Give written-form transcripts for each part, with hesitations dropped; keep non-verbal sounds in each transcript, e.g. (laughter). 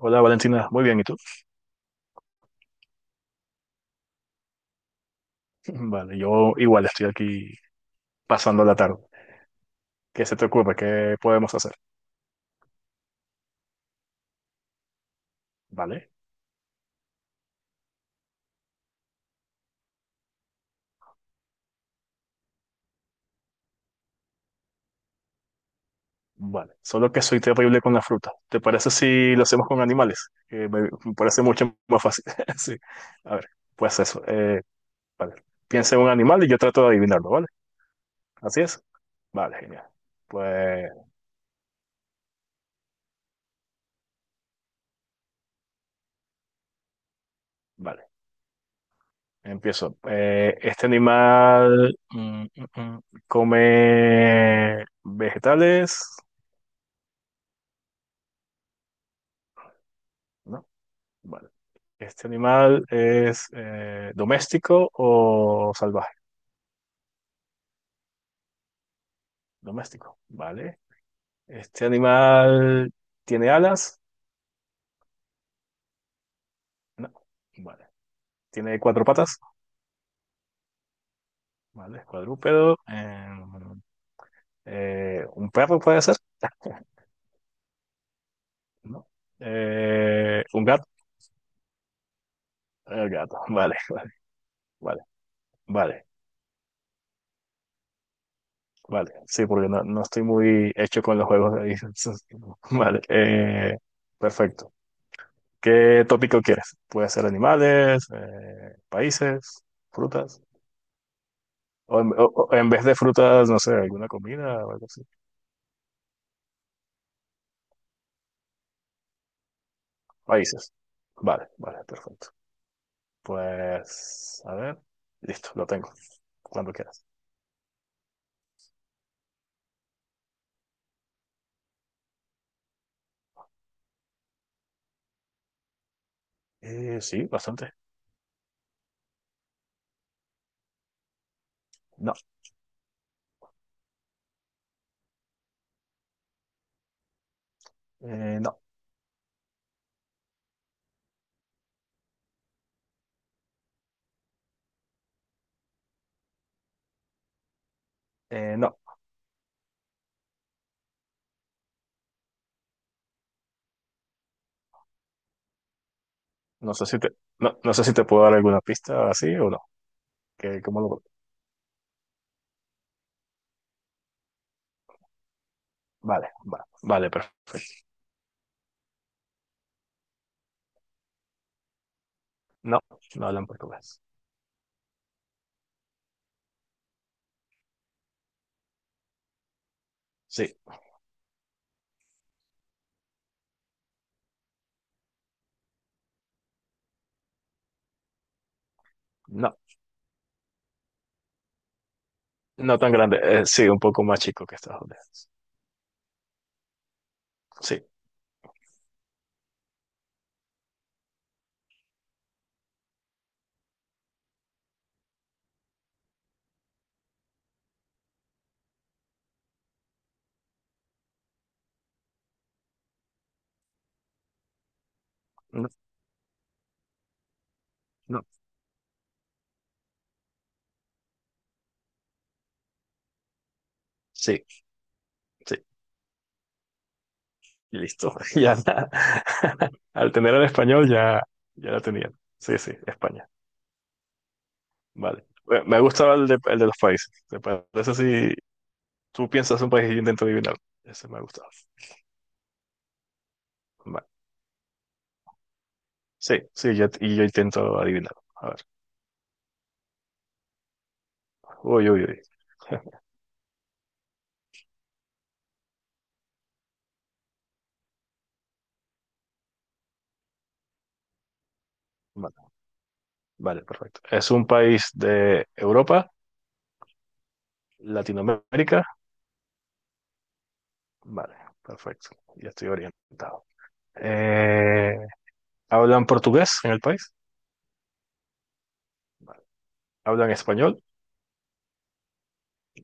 Hola Valentina, muy bien, ¿y tú? (laughs) Vale, yo igual estoy aquí pasando la tarde. ¿Qué se te ocurre? ¿Qué podemos hacer? Vale, vale. Solo que soy terrible con la fruta. ¿Te parece si lo hacemos con animales? Que me parece mucho más fácil. (laughs) Sí. A ver, pues eso. Vale. Piensa en un animal y yo trato de adivinarlo, ¿vale? Así es. Vale, genial. Pues, vale. Empiezo. Este animal come vegetales, ¿no? Vale. ¿Este animal es doméstico o salvaje? Doméstico, ¿vale? ¿Este animal tiene alas? No, vale. ¿Tiene cuatro patas? Vale, es cuadrúpedo. ¿Un perro puede ser? (laughs) No. ¿Un gato? El gato, (laughs) vale, vale, vale, vale. Vale, sí, porque no estoy muy hecho con los juegos de ahí. (laughs) Entonces, Vale, perfecto. ¿Qué tópico quieres? Puede ser animales, países, frutas. O en, o en vez de frutas, no sé, alguna comida o algo así. Países. Vale, vale, perfecto. Pues, a ver. Listo, lo tengo. Cuando quieras. Sí, bastante. No, no, no. No sé si te, no, no sé si te puedo dar alguna pista así o no. Que, ¿cómo lo... Vale, vale, perfecto. No, no hablan portugués. Sí, no, no tan grande. Sí, un poco más chico que Estados Unidos. Sí. no, No. Sí, sí, listo. (laughs) Ya, (laughs) al tener el español ya, ya lo tenía. Sí, sí, España. Vale. Bueno, Me gustaba el de los países. ¿Te parece si tú piensas un país y yo intento adivinar? Ese me ha gustado. Vale. Sí, sí, y yo intento adivinar. A ver. Uy, uy, uy. (laughs) Vale, vale, perfecto. ¿Es un país de Europa, Latinoamérica? Vale, perfecto. Ya estoy orientado. Eh, ¿Hablan portugués en el país? ¿Hablan español?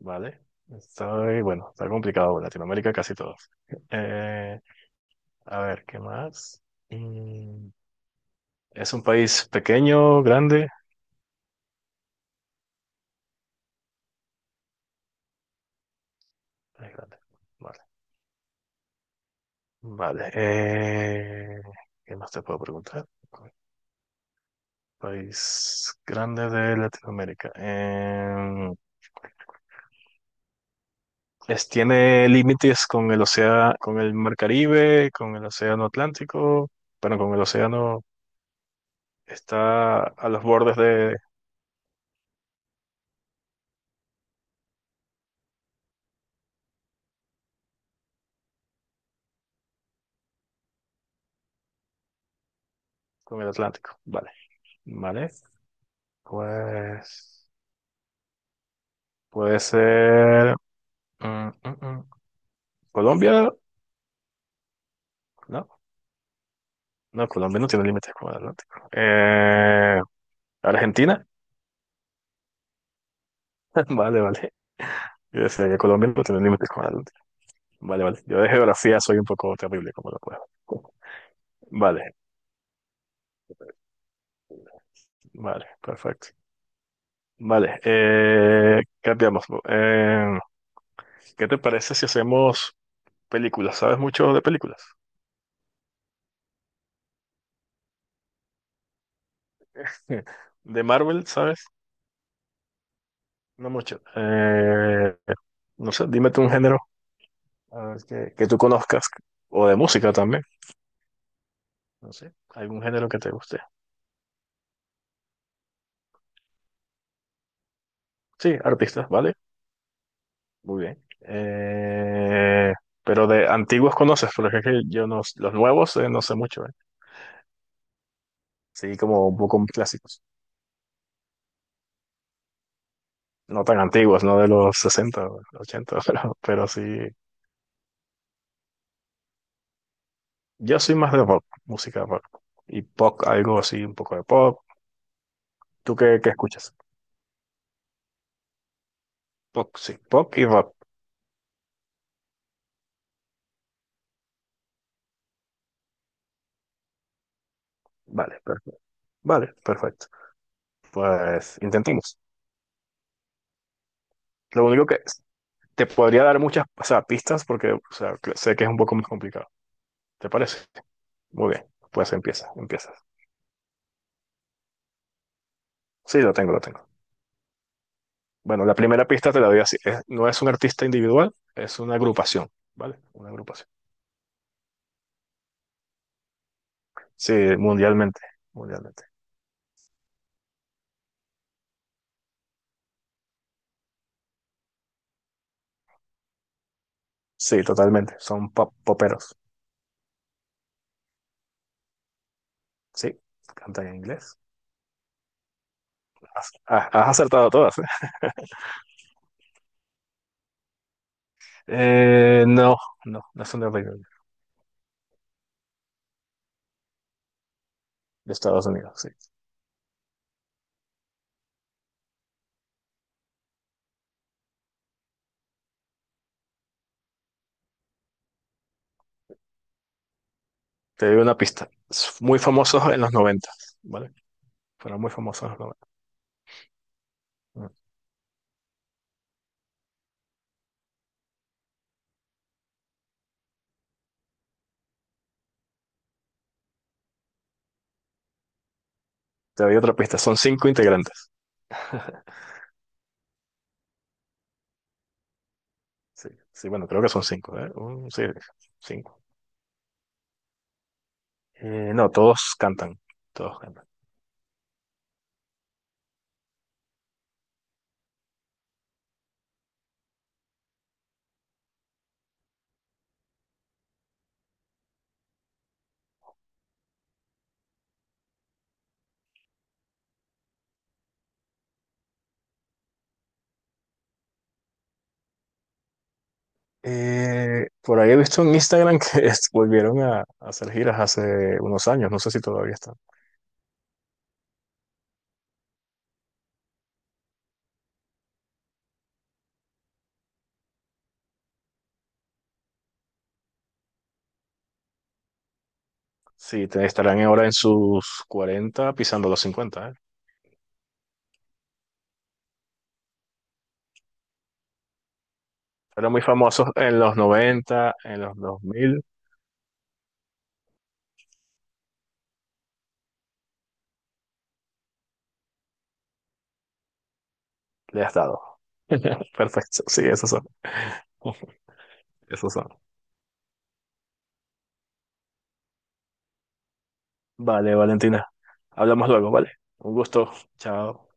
Vale. está bueno, está complicado. Latinoamérica casi todos. Eh, a ver, ¿qué más? Mm, ¿es un país pequeño, grande? Es grande. Vale. Vale. ¿Qué más te puedo preguntar? País grande de Latinoamérica. ¿Es, tiene límites con el océano, con el Mar Caribe, con el océano Atlántico? Bueno, con el océano está a los bordes de, con el Atlántico. Vale. Vale. Pues puede ser mm, mm, mm. Colombia, no, no, Colombia no tiene límites con el Atlántico. Argentina, (laughs) vale, vale. Yo decía que Colombia no tiene límites con el Atlántico. Vale, vale. Yo de geografía soy un poco terrible, como lo puedo. Vale, vale, perfecto. Vale, cambiamos. ¿Qué te parece si hacemos películas? ¿Sabes mucho de películas? (laughs) De Marvel, ¿sabes? No mucho. No sé, dime tú un género. A ver, que tú conozcas, o de música también, no sé, algún género que te guste. Sí, artistas, ¿vale? Muy bien. Pero de antiguos conoces, porque es que yo no, los nuevos no sé mucho, ¿eh? Sí, como un poco clásicos. No tan antiguos, no de los 60 o 80, (laughs) pero sí. Yo soy más de rock, música rock. Y pop, algo así, un poco de pop. ¿Tú qué escuchas? Pop, sí, pop y rock. Vale, perfecto. Vale, perfecto. Pues intentemos. Lo único que te podría dar muchas, o sea, pistas porque, o sea, sé que es un poco más complicado. ¿Te parece? Muy bien. Pues empieza, empiezas. Sí, lo tengo, lo tengo. Bueno, la primera pista te la doy así. No es un artista individual, es una agrupación, ¿vale? Una agrupación. Sí, mundialmente, mundialmente. Sí, totalmente. Son poperos. Sí, cantan en inglés. Has acertado todas, ¿eh? No, no, no son de Reino Unido, de Estados Unidos, sí. Te doy una pista. Es Muy famosos en los 90, ¿vale? Fueron muy famosos en los Mm. Te doy otra pista, son cinco integrantes. (laughs) Sí, sí, bueno, creo que son cinco, ¿eh? Sí, cinco. No, todos cantan, todos cantan. Por ahí he visto en Instagram que (laughs) volvieron a hacer giras hace unos años, no sé si todavía están. Sí, estarán ahora en sus 40 pisando los 50. ¿Eh? Fueron muy famosos en los 90 en los 2000 Le has dado. (laughs) Perfecto. Sí, esos son. (laughs) Esos son. Vale, Valentina. Hablamos luego, ¿vale? Un gusto. Chao.